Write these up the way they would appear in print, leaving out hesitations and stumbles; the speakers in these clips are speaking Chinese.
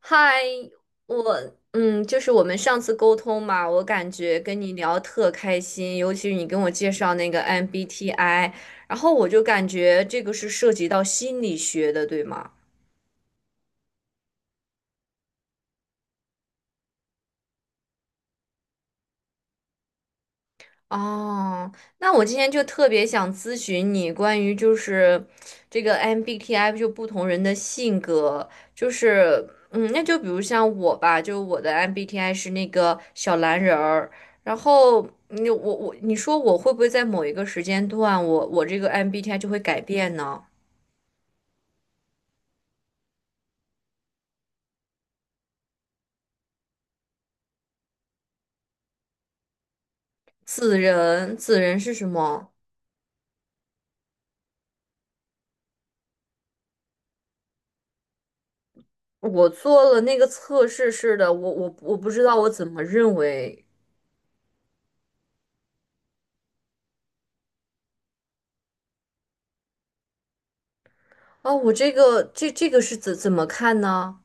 嗨，嗯，就是我们上次沟通嘛，我感觉跟你聊特开心，尤其是你跟我介绍那个 MBTI，然后我就感觉这个是涉及到心理学的，对吗？哦，那我今天就特别想咨询你关于就是这个 MBTI 就不同人的性格，就是那就比如像我吧，就我的 MBTI 是那个小蓝人儿，然后你说我会不会在某一个时间段我这个 MBTI 就会改变呢？子人，子人是什么？我做了那个测试是的，我不知道我怎么认为。啊，我这个是怎么看呢？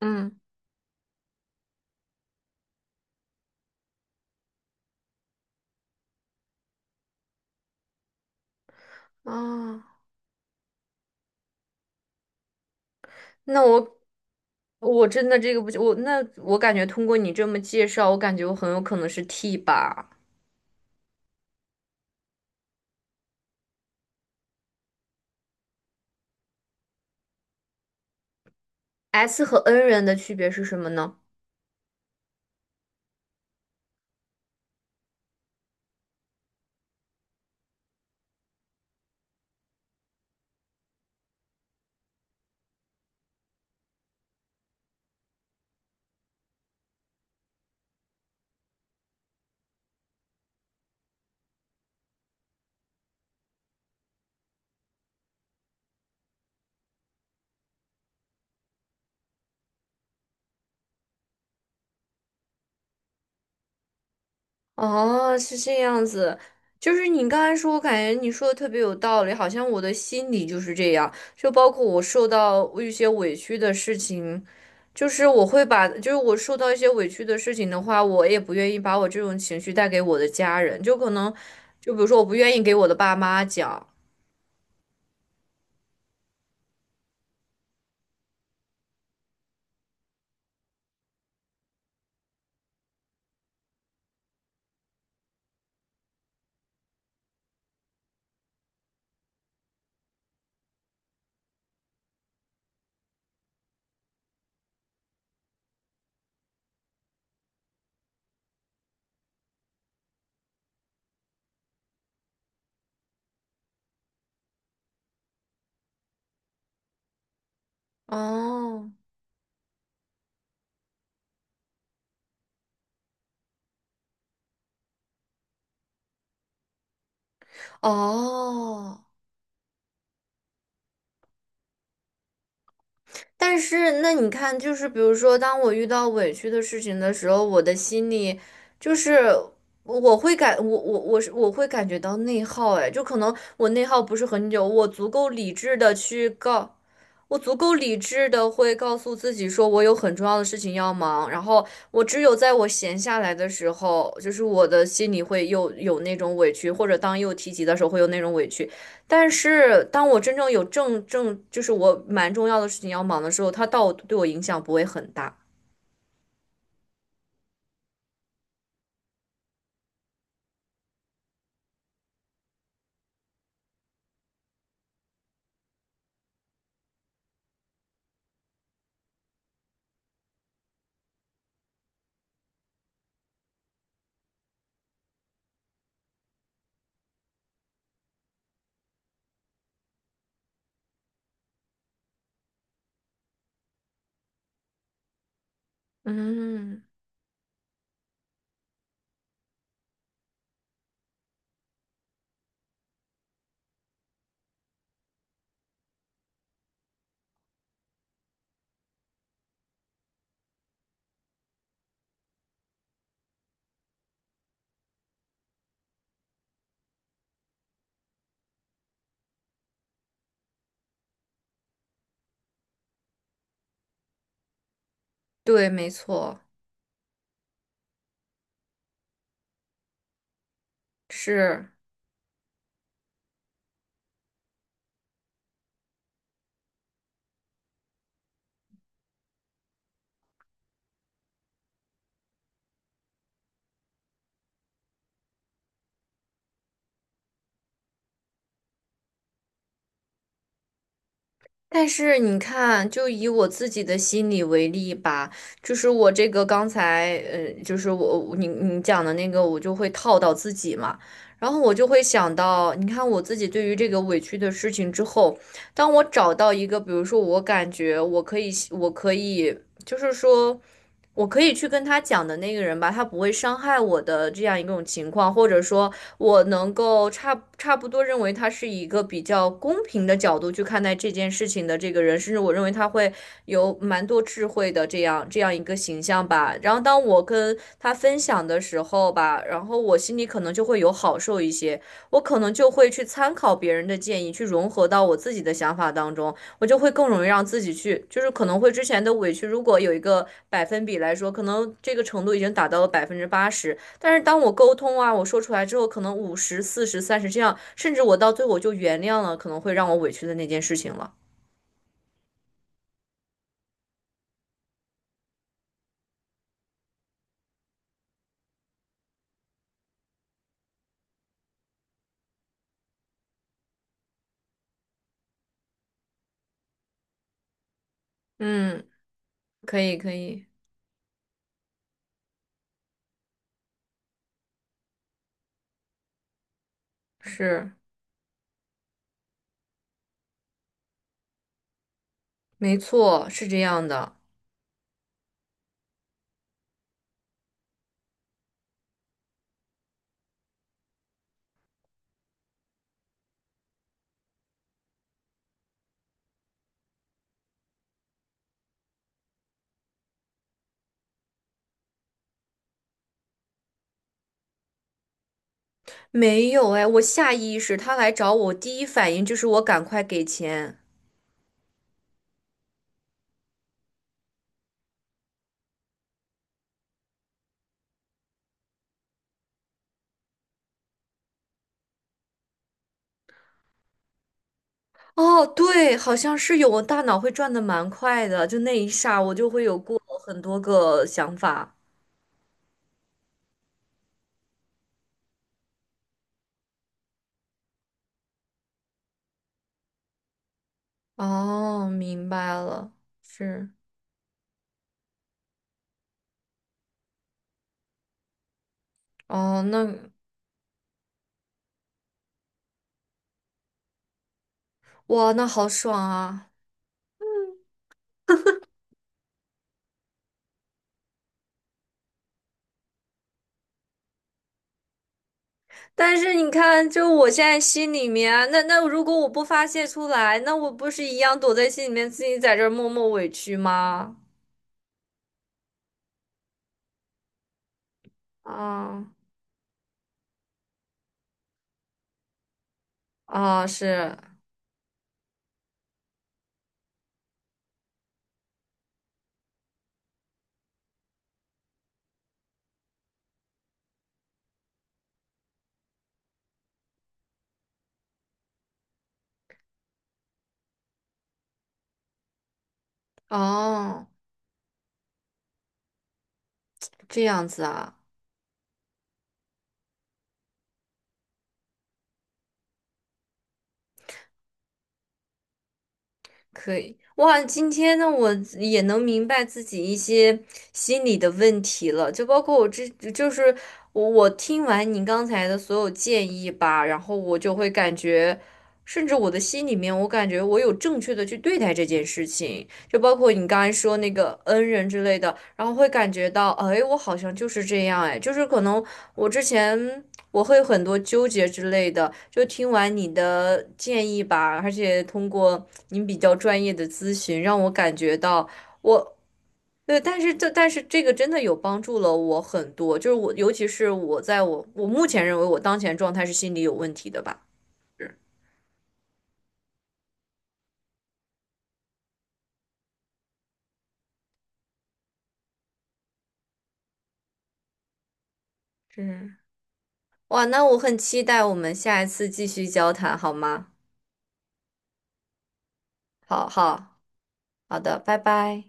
嗯，啊，那我真的这个不行，我感觉通过你这么介绍，我感觉我很有可能是 T 吧。S 和 N 人的区别是什么呢？哦，是这样子，就是你刚才说，我感觉你说的特别有道理，好像我的心里就是这样，就包括我受到一些委屈的事情，就是我会把，就是我受到一些委屈的事情的话，我也不愿意把我这种情绪带给我的家人，就可能，就比如说我不愿意给我的爸妈讲。哦哦，但是那你看，就是比如说，当我遇到委屈的事情的时候，我的心里就是我会感我我我是我会感觉到内耗，哎，就可能我内耗不是很久，我足够理智的会告诉自己说，我有很重要的事情要忙，然后我只有在我闲下来的时候，就是我的心里会又有那种委屈，或者当又提及的时候会有那种委屈。但是当我真正有正正，就是我蛮重要的事情要忙的时候，它到对我影响不会很大。嗯，对，没错，是。但是你看，就以我自己的心理为例吧，就是我这个刚才，就是你讲的那个，我就会套到自己嘛，然后我就会想到，你看我自己对于这个委屈的事情之后，当我找到一个，比如说我感觉我可以，我可以，就是说。我可以去跟他讲的那个人吧，他不会伤害我的这样一种情况，或者说，我能够差不多认为他是一个比较公平的角度去看待这件事情的这个人，甚至我认为他会有蛮多智慧的这样一个形象吧。然后当我跟他分享的时候吧，然后我心里可能就会有好受一些，我可能就会去参考别人的建议，去融合到我自己的想法当中。我就会更容易让自己去，就是可能会之前的委屈，如果有一个百分比来说，可能这个程度已经达到了80%，但是当我沟通啊，我说出来之后，可能50、40、30这样，甚至我到最后我就原谅了，可能会让我委屈的那件事情了。嗯，可以，可以，是，没错，是这样的。没有哎，我下意识他来找我，第一反应就是我赶快给钱。哦，对，好像是有，我大脑会转的蛮快的，就那一刹我就会有过很多个想法。哦，明白了，是，哦，那哇，那好爽啊！但是你看，就我现在心里面啊，那如果我不发泄出来，那我不是一样躲在心里面，自己在这儿默默委屈吗？啊啊，是，哦，这样子啊。可以，哇，今天呢，我也能明白自己一些心理的问题了，就包括就是我听完你刚才的所有建议吧，然后我就会感觉，甚至我的心里面，我感觉我有正确的去对待这件事情，就包括你刚才说那个恩人之类的，然后会感觉到，哎，我好像就是这样，哎，就是可能我之前。我会很多纠结之类的，就听完你的建议吧，而且通过您比较专业的咨询，让我感觉到我，对，但是这个真的有帮助了我很多，就是我尤其是我在我我目前认为我当前状态是心理有问题的吧，嗯是，哇，那我很期待我们下一次继续交谈，好吗？好好好的，拜拜。